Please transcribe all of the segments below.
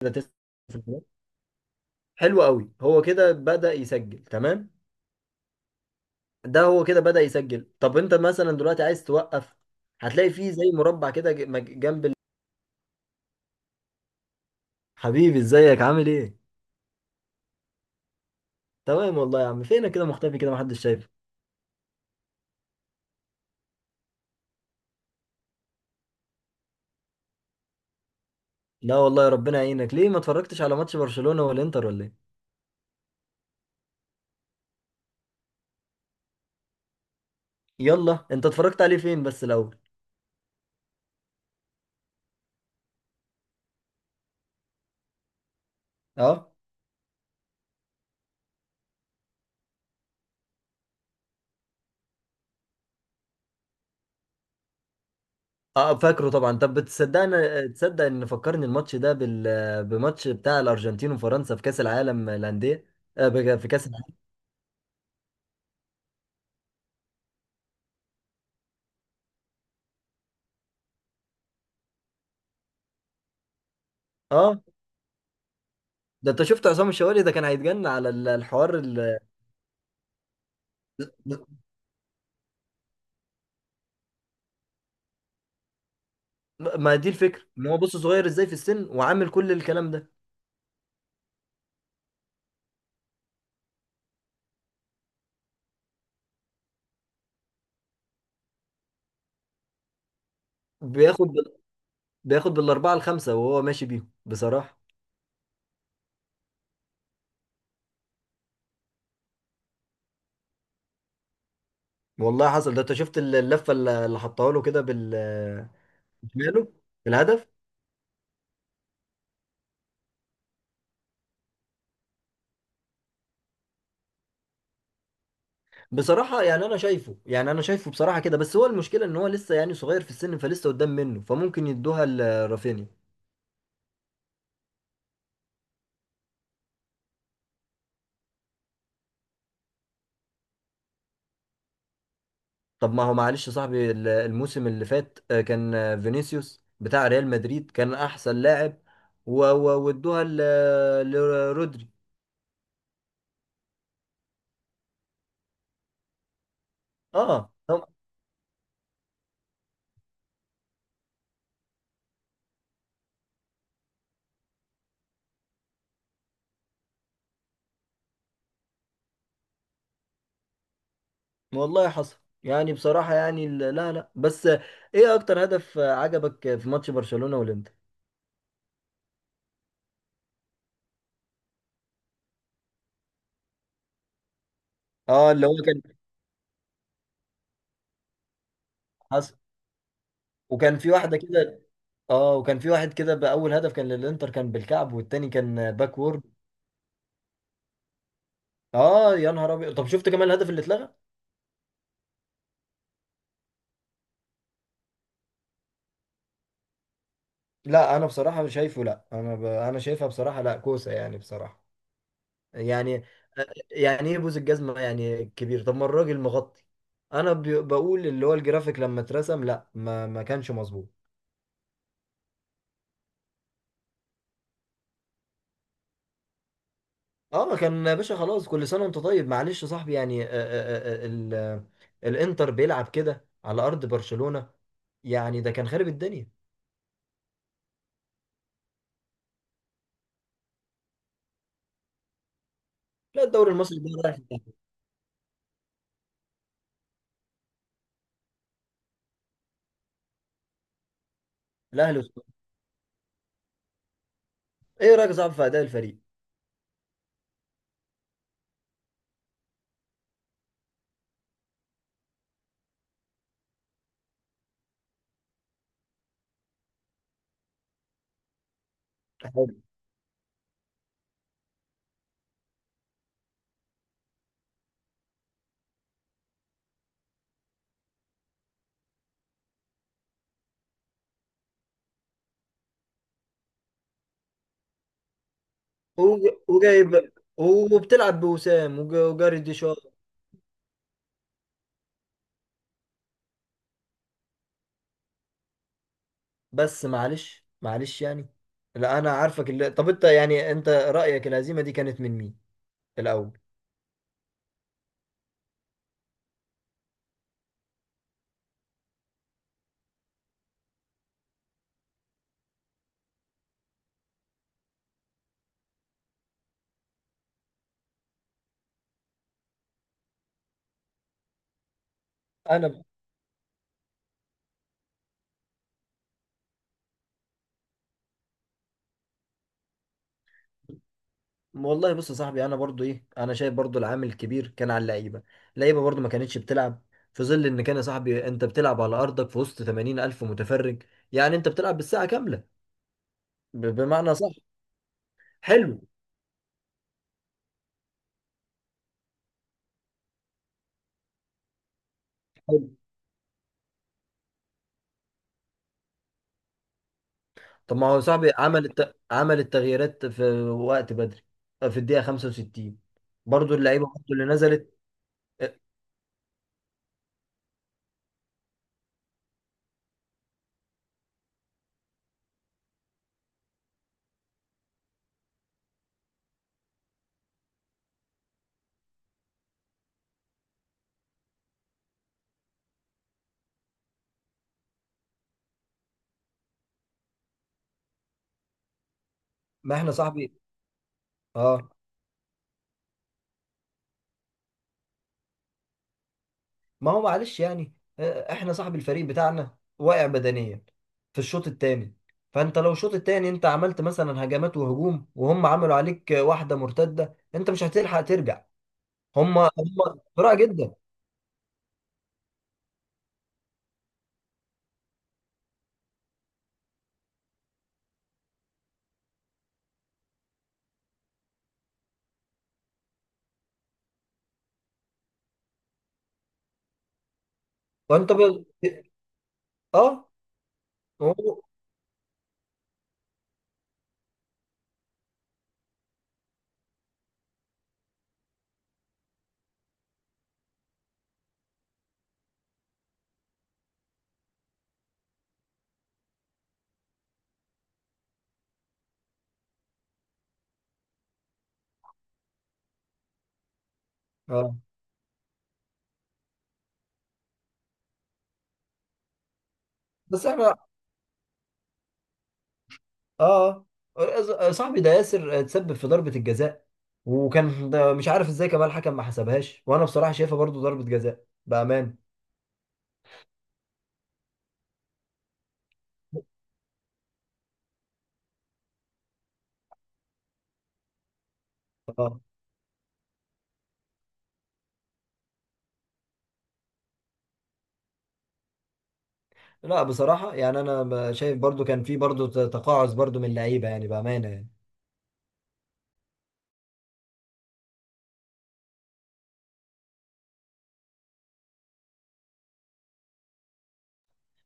كده تسع تسعة. في الملعب. حلو قوي، هو كده بدأ يسجل. تمام، ده هو كده بدأ يسجل. طب انت مثلا دلوقتي عايز توقف، هتلاقي فيه زي مربع كده جنب حبيبي، ازيك؟ عامل ايه؟ تمام والله يا عم، فينك كده مختفي؟ كده محدش شايفه. لا والله، ربنا يعينك. ليه ما اتفرجتش على ماتش برشلونة والانتر ولا ايه؟ يلا، انت اتفرجت عليه فين بس الاول؟ اه. اه، فاكره طبعا. طب بتصدقني؟ تصدق ان فكرني الماتش ده بماتش بتاع الارجنتين وفرنسا في كأس العالم للأندية. في كأس العالم. اه، ده انت شفت عصام الشوالي ده كان هيتجنن على الحوار ما دي الفكره، ان هو بص صغير ازاي في السن وعامل كل الكلام ده. بياخد بال... بياخد بالاربعه الخمسه وهو ماشي بيهم بصراحه. والله حصل. ده انت شفت اللفه اللي حطها له كده بال شماله؟ الهدف بصراحه، يعني انا شايفه، بصراحه كده، بس هو المشكله ان هو لسه يعني صغير في السن، فلسه قدام منه، فممكن يدوها لرافينيا. طب ما هو معلش يا صاحبي، الموسم اللي فات كان فينيسيوس بتاع ريال مدريد كان احسن لاعب وادوها لرودري. اه هم- والله حصل. يعني بصراحة، يعني لا لا بس، ايه اكتر هدف عجبك في ماتش برشلونة والانتر؟ اه، اللي هو كان حصل. وكان في واحدة كده. اه، وكان في واحد كده. بأول هدف كان للانتر كان بالكعب، والتاني كان باك وورد. اه، يا نهار ابيض. طب شفت كمان الهدف اللي اتلغى؟ لا، انا بصراحه شايفه، لا انا انا شايفها بصراحه، لا كوسه يعني بصراحه يعني. يعني ايه بوز الجزمه يعني كبير؟ طب ما الراجل مغطي. انا ب... بقول اللي هو الجرافيك لما اترسم، لا ما كانش مظبوط. اه، كان يا باشا، خلاص كل سنه وانت طيب. معلش يا صاحبي، يعني آه، آه، آه، ال... آه، الانتر بيلعب كده على ارض برشلونه، يعني ده كان خارب الدنيا. لا، الدوري المصري ده رايح في داهية. الاهلي والسعودية. ايه رايك يا صاحبي في اداء الفريق؟ وجايب، وبتلعب بوسام وجاري ديشار. بس معلش يعني، لا انا عارفك طب انت، يعني انت رأيك الهزيمة دي كانت من مين الاول؟ انا. والله بص يا صاحبي، انا برضو ايه، انا شايف برضو العامل الكبير كان على اللعيبه. اللعيبه برضو ما كانتش بتلعب، في ظل ان كان يا صاحبي انت بتلعب على ارضك في وسط 80 الف متفرج. يعني انت بتلعب بالساعه كامله، بمعنى صح. حلو. طب ما هو صاحبي عمل عمل التغييرات في وقت بدري، في الدقيقة 65 برضو اللعيبة برضو اللي نزلت. آه، ما احنا صاحبي. اه. ما هو معلش يعني، احنا صاحبي الفريق بتاعنا واقع بدنيا في الشوط الثاني. فانت لو الشوط الثاني انت عملت مثلا هجمات وهجوم وهم عملوا عليك واحدة مرتدة، انت مش هتلحق ترجع. هم بسرعة جدا. وانت ب... اه. هو- اه. بس احنا، اه، صاحبي ده ياسر اتسبب في ضربة الجزاء، وكان ده مش عارف ازاي كمان الحكم ما حسبهاش، وانا بصراحة شايفها برضو ضربة جزاء بأمان. اه. لا بصراحة، يعني انا شايف برضو كان في برضو تقاعس برضو من اللعيبة يعني، بأمانة يعني.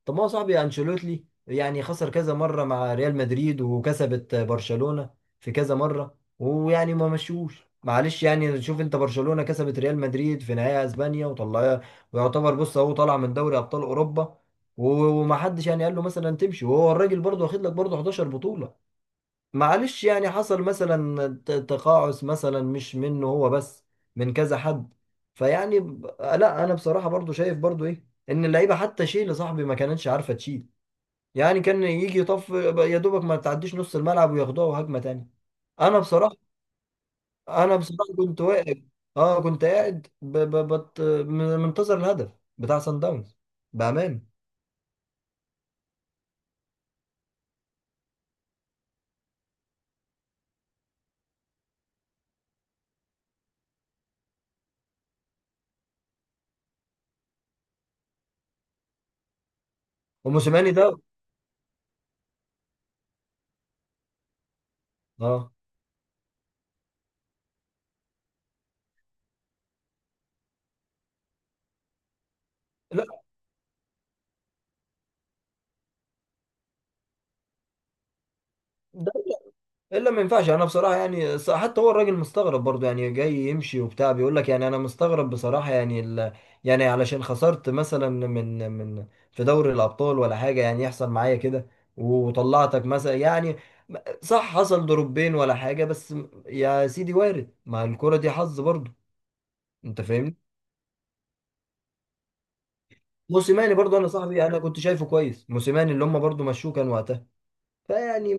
طب ما هو صاحبي انشيلوتي يعني خسر كذا مره مع ريال مدريد وكسبت برشلونه في كذا مره، ويعني ما مشوش. معلش، يعني شوف انت، برشلونه كسبت ريال مدريد في نهائي اسبانيا وطلعها، ويعتبر بص اهو طالع من دوري ابطال اوروبا، ومحدش يعني قال له مثلا تمشي، وهو الراجل برضه واخد لك برضه 11 بطوله. معلش يعني، حصل مثلا تقاعس مثلا، مش منه هو بس، من كذا حد. فيعني لا انا بصراحة برضو شايف برضو ايه، ان اللعيبة حتى شيل صاحبي ما كانتش عارفة تشيل. يعني كان يجي يطف، يا دوبك ما تعديش نص الملعب وياخدوها هجمة تانية. انا بصراحة. انا بصراحة كنت واقف، اه، كنت قاعد منتظر الهدف بتاع سان داونز بأمان. وموسيماني ده، اه. لا، الا ما ينفعش. انا بصراحه، يعني حتى هو الراجل مستغرب برضه، يعني جاي يمشي وبتاع بيقول لك يعني انا مستغرب بصراحه، يعني يعني علشان خسرت مثلا من في دوري الابطال ولا حاجه، يعني يحصل معايا كده وطلعتك مثلا يعني، صح حصل ضربين ولا حاجه، بس يا سيدي وارد، ما الكره دي حظ برضه. انت فاهمني. موسيماني برضه، انا صاحبي انا كنت شايفه كويس موسيماني، اللي هم برضه مشوه كان وقتها، فيعني.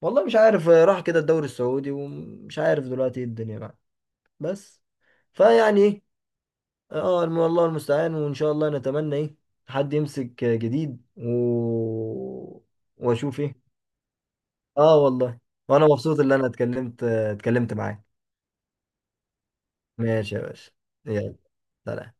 والله مش عارف، راح كده الدوري السعودي ومش عارف دلوقتي ايه الدنيا معاه. بس فيعني ايه. اه، الله المستعان، وان شاء الله نتمنى ايه، حد يمسك جديد واشوف ايه. اه والله. وانا مبسوط ان انا اتكلمت معاك. ماشي يا باشا. يلا. سلام.